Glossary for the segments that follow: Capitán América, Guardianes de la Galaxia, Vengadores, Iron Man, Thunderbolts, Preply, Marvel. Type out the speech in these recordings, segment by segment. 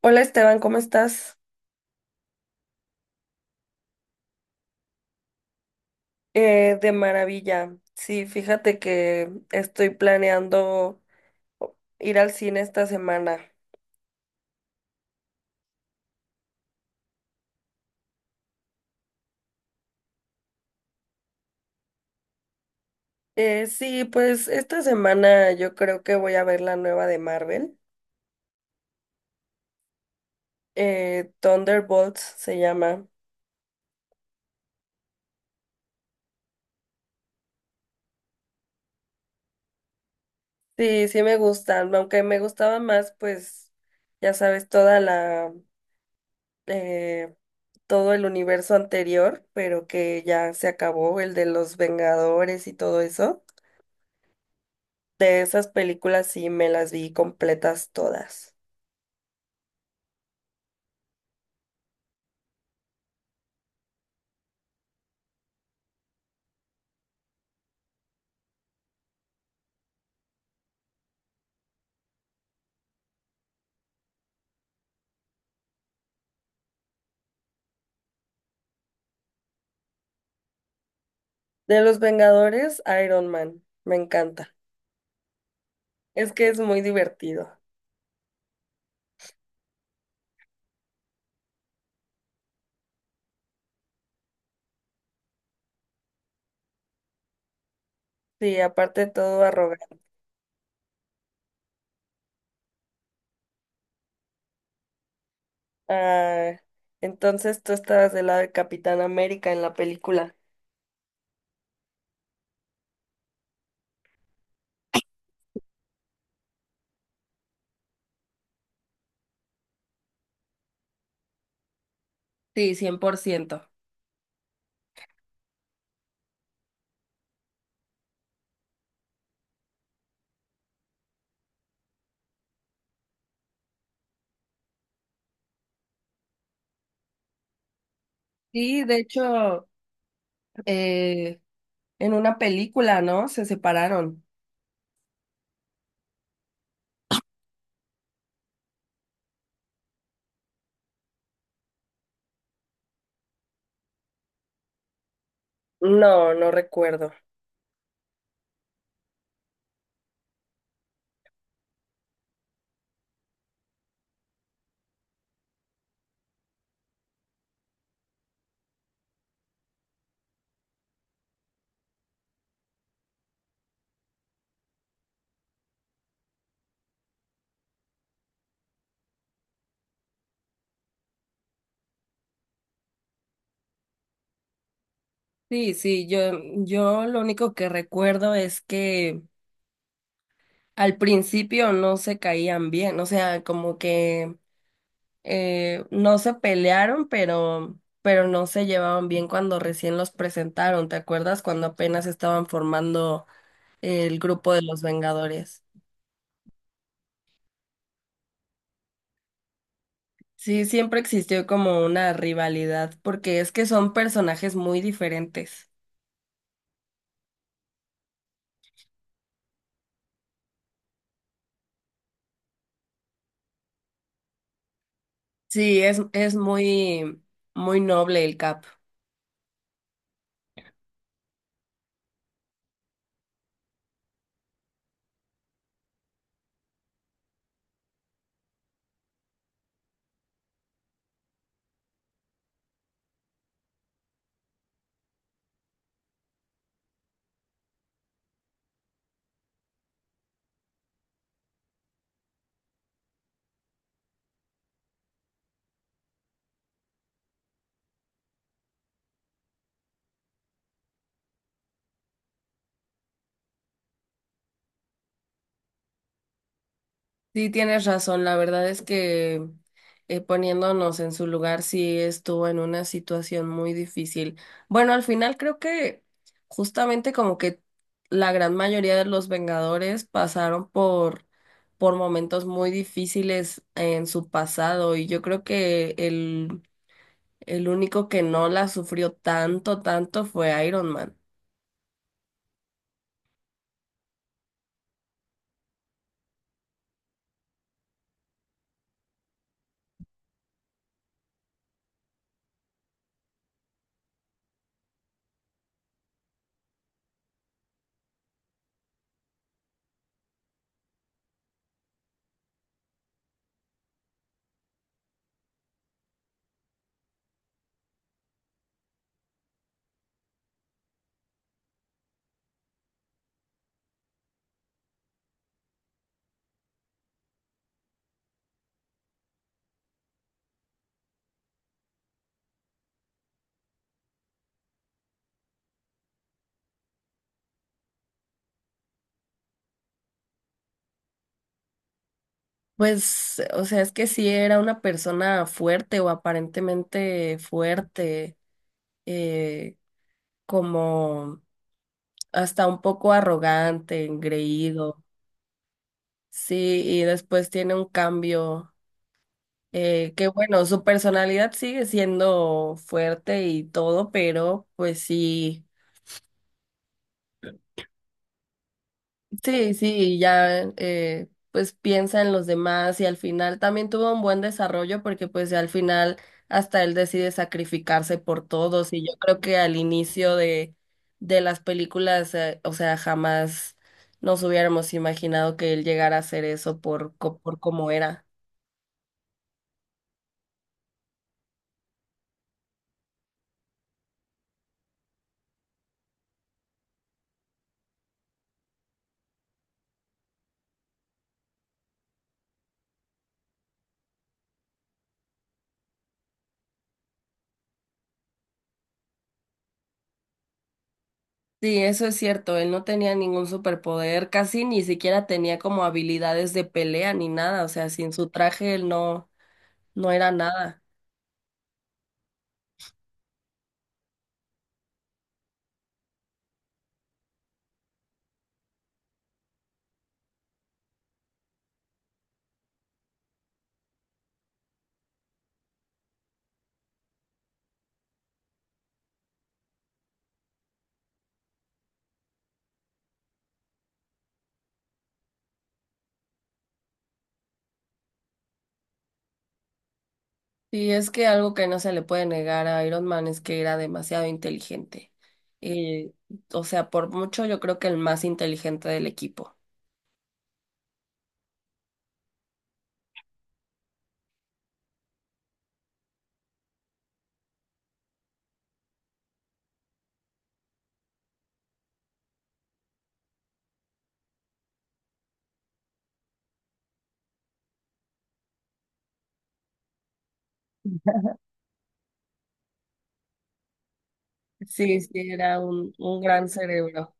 Hola, Esteban, ¿cómo estás? De maravilla. Sí, fíjate que estoy planeando ir al cine esta semana. Sí, pues esta semana yo creo que voy a ver la nueva de Marvel. Thunderbolts se llama. Sí, sí me gustan, aunque me gustaba más, pues ya sabes, eh, todo el universo anterior, pero que ya se acabó, el de los Vengadores y todo eso. De esas películas sí me las vi completas todas. De los Vengadores, Iron Man. Me encanta. Es que es muy divertido. Sí, aparte de todo arrogante. Ah, entonces tú estabas del lado de Capitán América en la película. Sí, cien por ciento. Sí, de hecho, eh, en una película, ¿no? Se separaron. No, no recuerdo. Sí, sí, yo lo único que recuerdo es que al principio no se caían bien, o sea, como que no se pelearon, pero no se llevaban bien cuando recién los presentaron. ¿Te acuerdas cuando apenas estaban formando el grupo de los Vengadores? Sí, siempre existió como una rivalidad, porque es que son personajes muy diferentes. Sí, es muy, muy noble el Cap. Sí, tienes razón. La verdad es que poniéndonos en su lugar, sí estuvo en una situación muy difícil. Bueno, al final creo que justamente como que la gran mayoría de los Vengadores pasaron por momentos muy difíciles en su pasado y yo creo que el único que no la sufrió tanto, tanto fue Iron Man. Pues, o sea, es que sí era una persona fuerte o aparentemente fuerte. eh, Como hasta un poco arrogante, engreído. Sí, y después tiene un cambio, que bueno, su personalidad sigue siendo fuerte y todo, pero pues sí. Sí, sí, ya pues piensa en los demás y al final también tuvo un buen desarrollo porque pues al final hasta él decide sacrificarse por todos y yo creo que al inicio de las películas, o sea, jamás nos hubiéramos imaginado que él llegara a hacer eso por, co- por cómo era. Sí, eso es cierto, él no tenía ningún superpoder, casi ni siquiera tenía como habilidades de pelea ni nada, o sea, sin su traje él no, no era nada. Y es que algo que no se le puede negar a Iron Man es que era demasiado inteligente. Eh, o sea, por mucho yo creo que el más inteligente del equipo. Sí, sí, era un gran cerebro.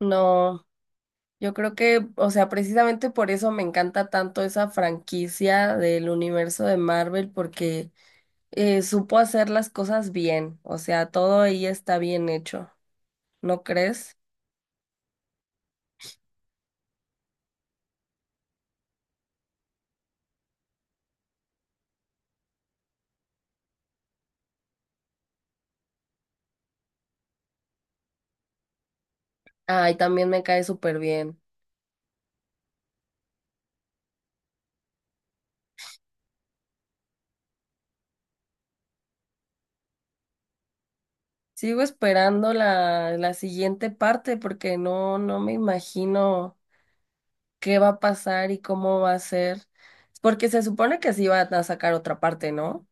No, yo creo que, o sea, precisamente por eso me encanta tanto esa franquicia del universo de Marvel, porque supo hacer las cosas bien. O sea, todo ahí está bien hecho, ¿no crees? Ay, también me cae súper bien. Sigo esperando la siguiente parte porque no me imagino qué va a pasar y cómo va a ser. Porque se supone que sí van a sacar otra parte, ¿no?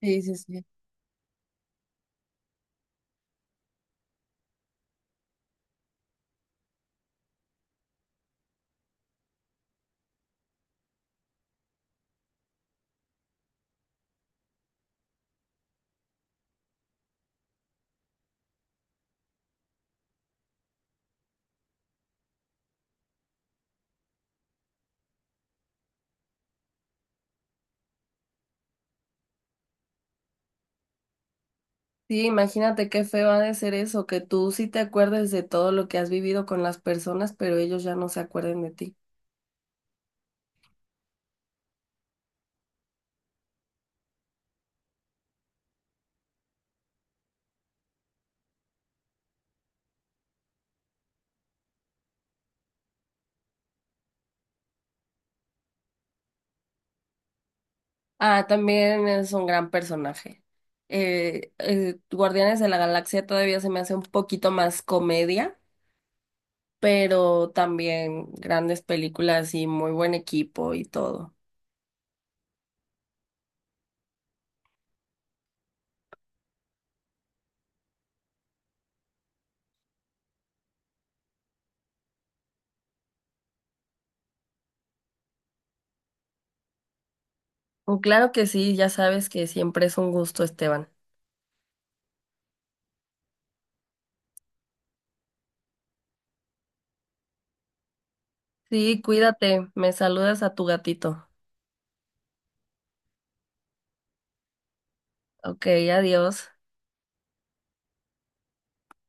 Sí, sí, sí. Sí, imagínate qué feo ha de ser eso, que tú sí te acuerdes de todo lo que has vivido con las personas, pero ellos ya no se acuerden de ti. Ah, también es un gran personaje. Guardianes de la Galaxia todavía se me hace un poquito más comedia, pero también grandes películas y muy buen equipo y todo. Oh, claro que sí, ya sabes que siempre es un gusto, Esteban. Sí, cuídate, me saludas a tu gatito. Ok, adiós.